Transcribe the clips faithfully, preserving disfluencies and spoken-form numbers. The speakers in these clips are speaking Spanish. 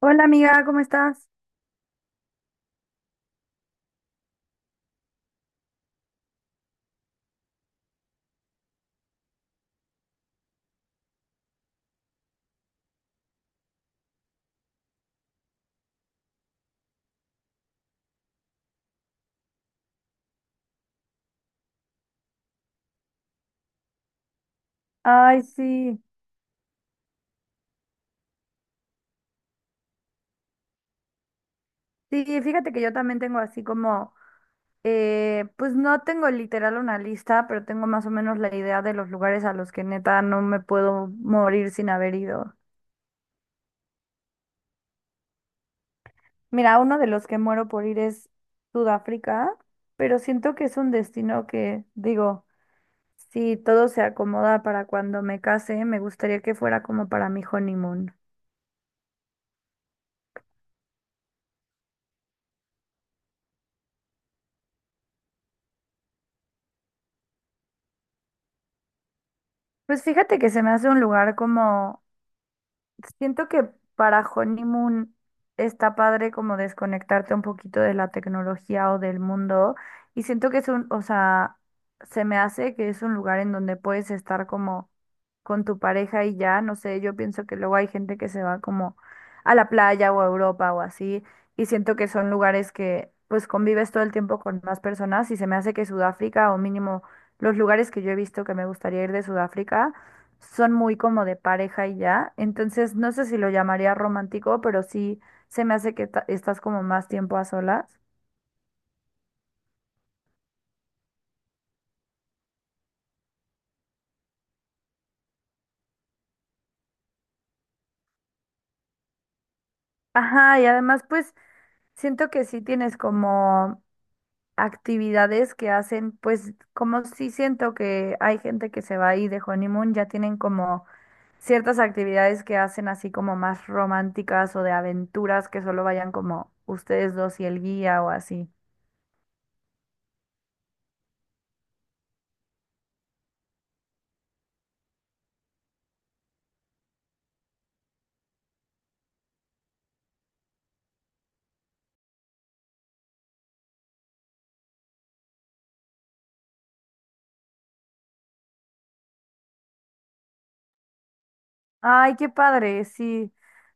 Hola amiga, ¿cómo estás? Ay, sí. Sí, fíjate que yo también tengo así como, eh, pues no tengo literal una lista, pero tengo más o menos la idea de los lugares a los que neta no me puedo morir sin haber ido. Mira, uno de los que muero por ir es Sudáfrica, pero siento que es un destino que, digo, si todo se acomoda para cuando me case, me gustaría que fuera como para mi honeymoon. Pues fíjate que se me hace un lugar como siento que para honeymoon está padre como desconectarte un poquito de la tecnología o del mundo y siento que es un, o sea, se me hace que es un lugar en donde puedes estar como con tu pareja y ya, no sé, yo pienso que luego hay gente que se va como a la playa o a Europa o así y siento que son lugares que pues convives todo el tiempo con más personas y se me hace que Sudáfrica o mínimo los lugares que yo he visto que me gustaría ir de Sudáfrica son muy como de pareja y ya. Entonces, no sé si lo llamaría romántico, pero sí se me hace que ta- estás como más tiempo a solas. Ajá, y además, pues siento que sí tienes como actividades que hacen, pues como sí siento que hay gente que se va ahí de honeymoon, ya tienen como ciertas actividades que hacen así como más románticas o de aventuras que solo vayan como ustedes dos y el guía o así. Ay, qué padre, sí.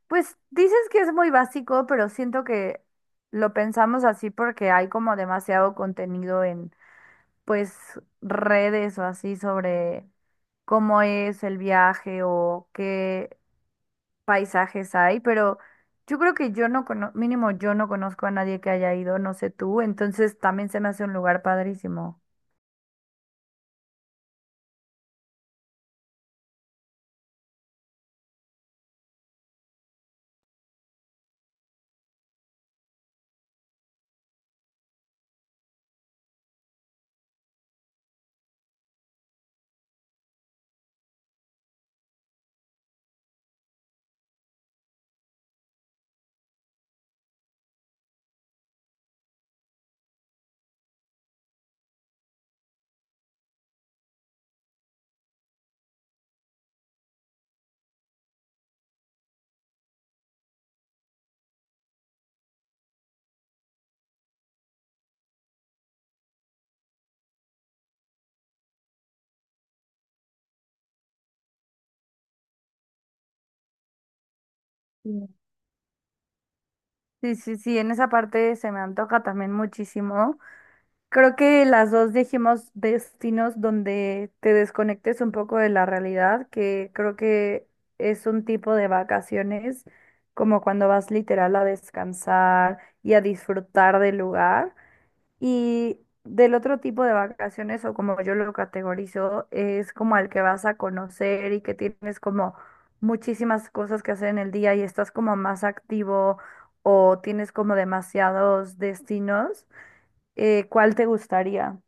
Pues dices que es muy básico, pero siento que lo pensamos así porque hay como demasiado contenido en, pues, redes o así sobre cómo es el viaje o qué paisajes hay, pero yo creo que yo no conozco, mínimo yo no conozco a nadie que haya ido, no sé tú, entonces también se me hace un lugar padrísimo. Mm. Sí, sí, sí, en esa parte se me antoja también muchísimo. Creo que las dos dijimos destinos donde te desconectes un poco de la realidad, que creo que es un tipo de vacaciones, como cuando vas literal a descansar y a disfrutar del lugar. Y del otro tipo de vacaciones, o como yo lo categorizo, es como al que vas a conocer y que tienes como muchísimas cosas que hacer en el día y estás como más activo o tienes como demasiados destinos. Eh, ¿cuál te gustaría?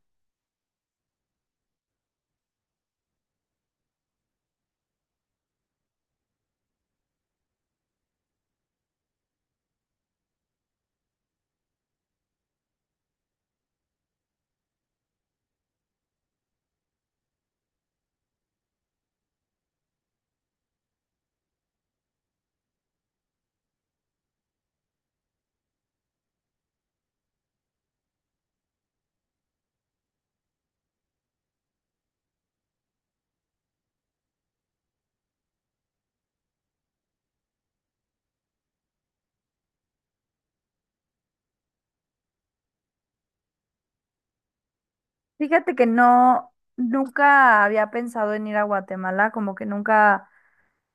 Fíjate que no, nunca había pensado en ir a Guatemala, como que nunca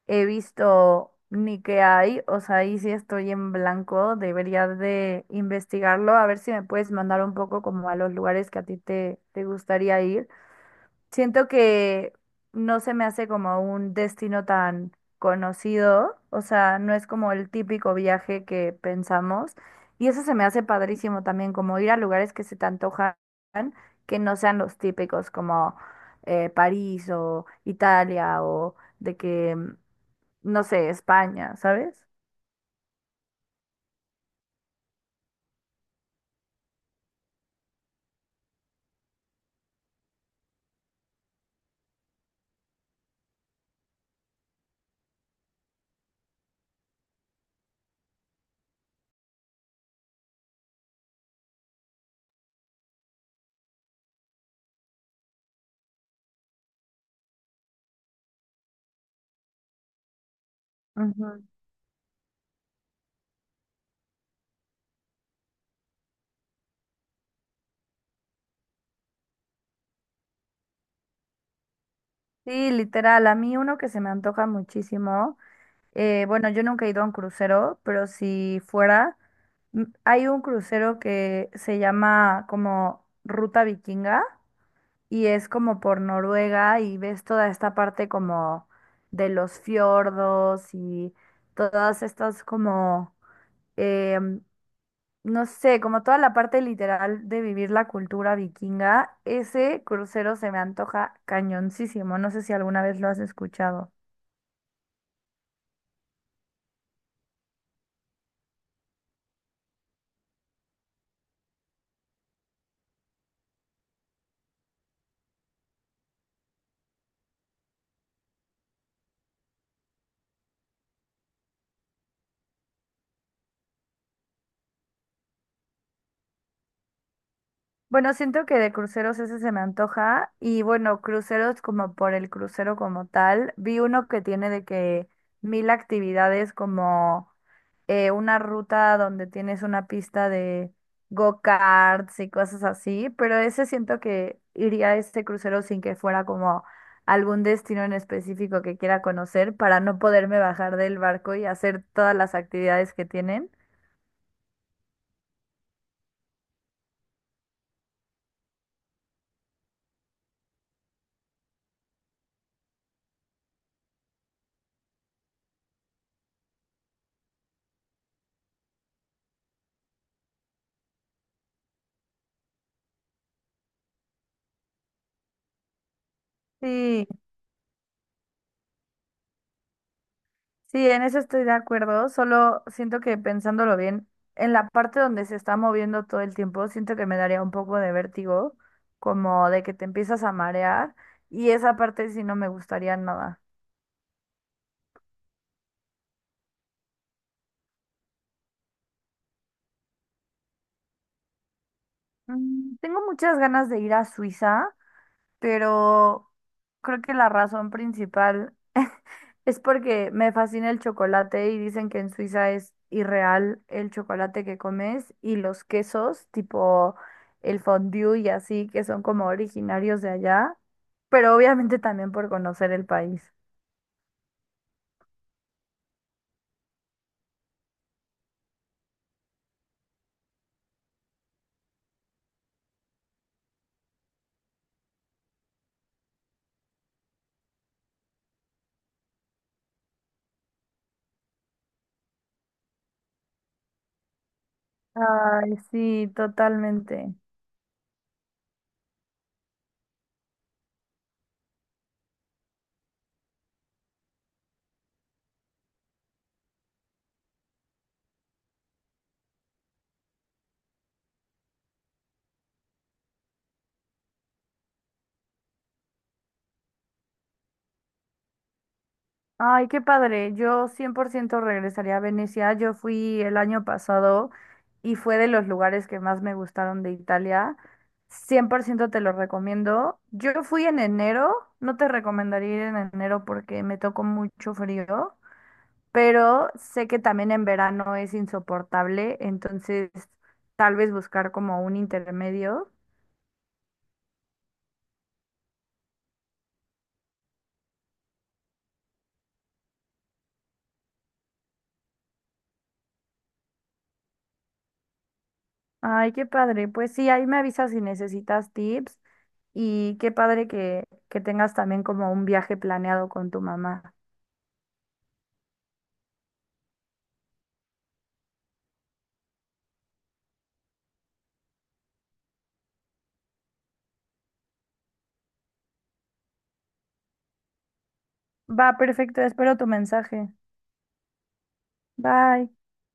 he visto ni qué hay, o sea, ahí sí estoy en blanco, debería de investigarlo, a ver si me puedes mandar un poco como a los lugares que a ti te, te gustaría ir. Siento que no se me hace como un destino tan conocido, o sea, no es como el típico viaje que pensamos. Y eso se me hace padrísimo también, como ir a lugares que se te antojan, que no sean los típicos, como eh, París o Italia o de que, mm, no sé, España, ¿sabes? Ujú. Sí, literal, a mí uno que se me antoja muchísimo. Eh, bueno, yo nunca he ido a un crucero, pero si fuera, m- hay un crucero que se llama como Ruta Vikinga y es como por Noruega y ves toda esta parte como de los fiordos y todas estas como, em, no sé, como toda la parte literal de vivir la cultura vikinga. Ese crucero se me antoja cañoncísimo. No sé si alguna vez lo has escuchado. Bueno, siento que de cruceros ese se me antoja y bueno, cruceros como por el crucero como tal. Vi uno que tiene de que mil actividades como eh, una ruta donde tienes una pista de go-karts y cosas así, pero ese siento que iría a este crucero sin que fuera como algún destino en específico que quiera conocer para no poderme bajar del barco y hacer todas las actividades que tienen. Sí, sí, en eso estoy de acuerdo, solo siento que pensándolo bien, en la parte donde se está moviendo todo el tiempo, siento que me daría un poco de vértigo, como de que te empiezas a marear, y esa parte sí no me gustaría nada. Mm, Tengo muchas ganas de ir a Suiza, pero creo que la razón principal es porque me fascina el chocolate y dicen que en Suiza es irreal el chocolate que comes y los quesos, tipo el fondue y así, que son como originarios de allá, pero obviamente también por conocer el país. Ay, sí, totalmente. Ay, qué padre. Yo cien por ciento regresaría a Venecia. Yo fui el año pasado y fue de los lugares que más me gustaron de Italia. Cien por ciento te lo recomiendo. Yo fui en enero. No te recomendaría ir en enero porque me tocó mucho frío, pero sé que también en verano es insoportable, entonces tal vez buscar como un intermedio. Ay, qué padre. Pues sí, ahí me avisas si necesitas tips y qué padre que, que tengas también como un viaje planeado con tu mamá. Va, perfecto, espero tu mensaje. Bye.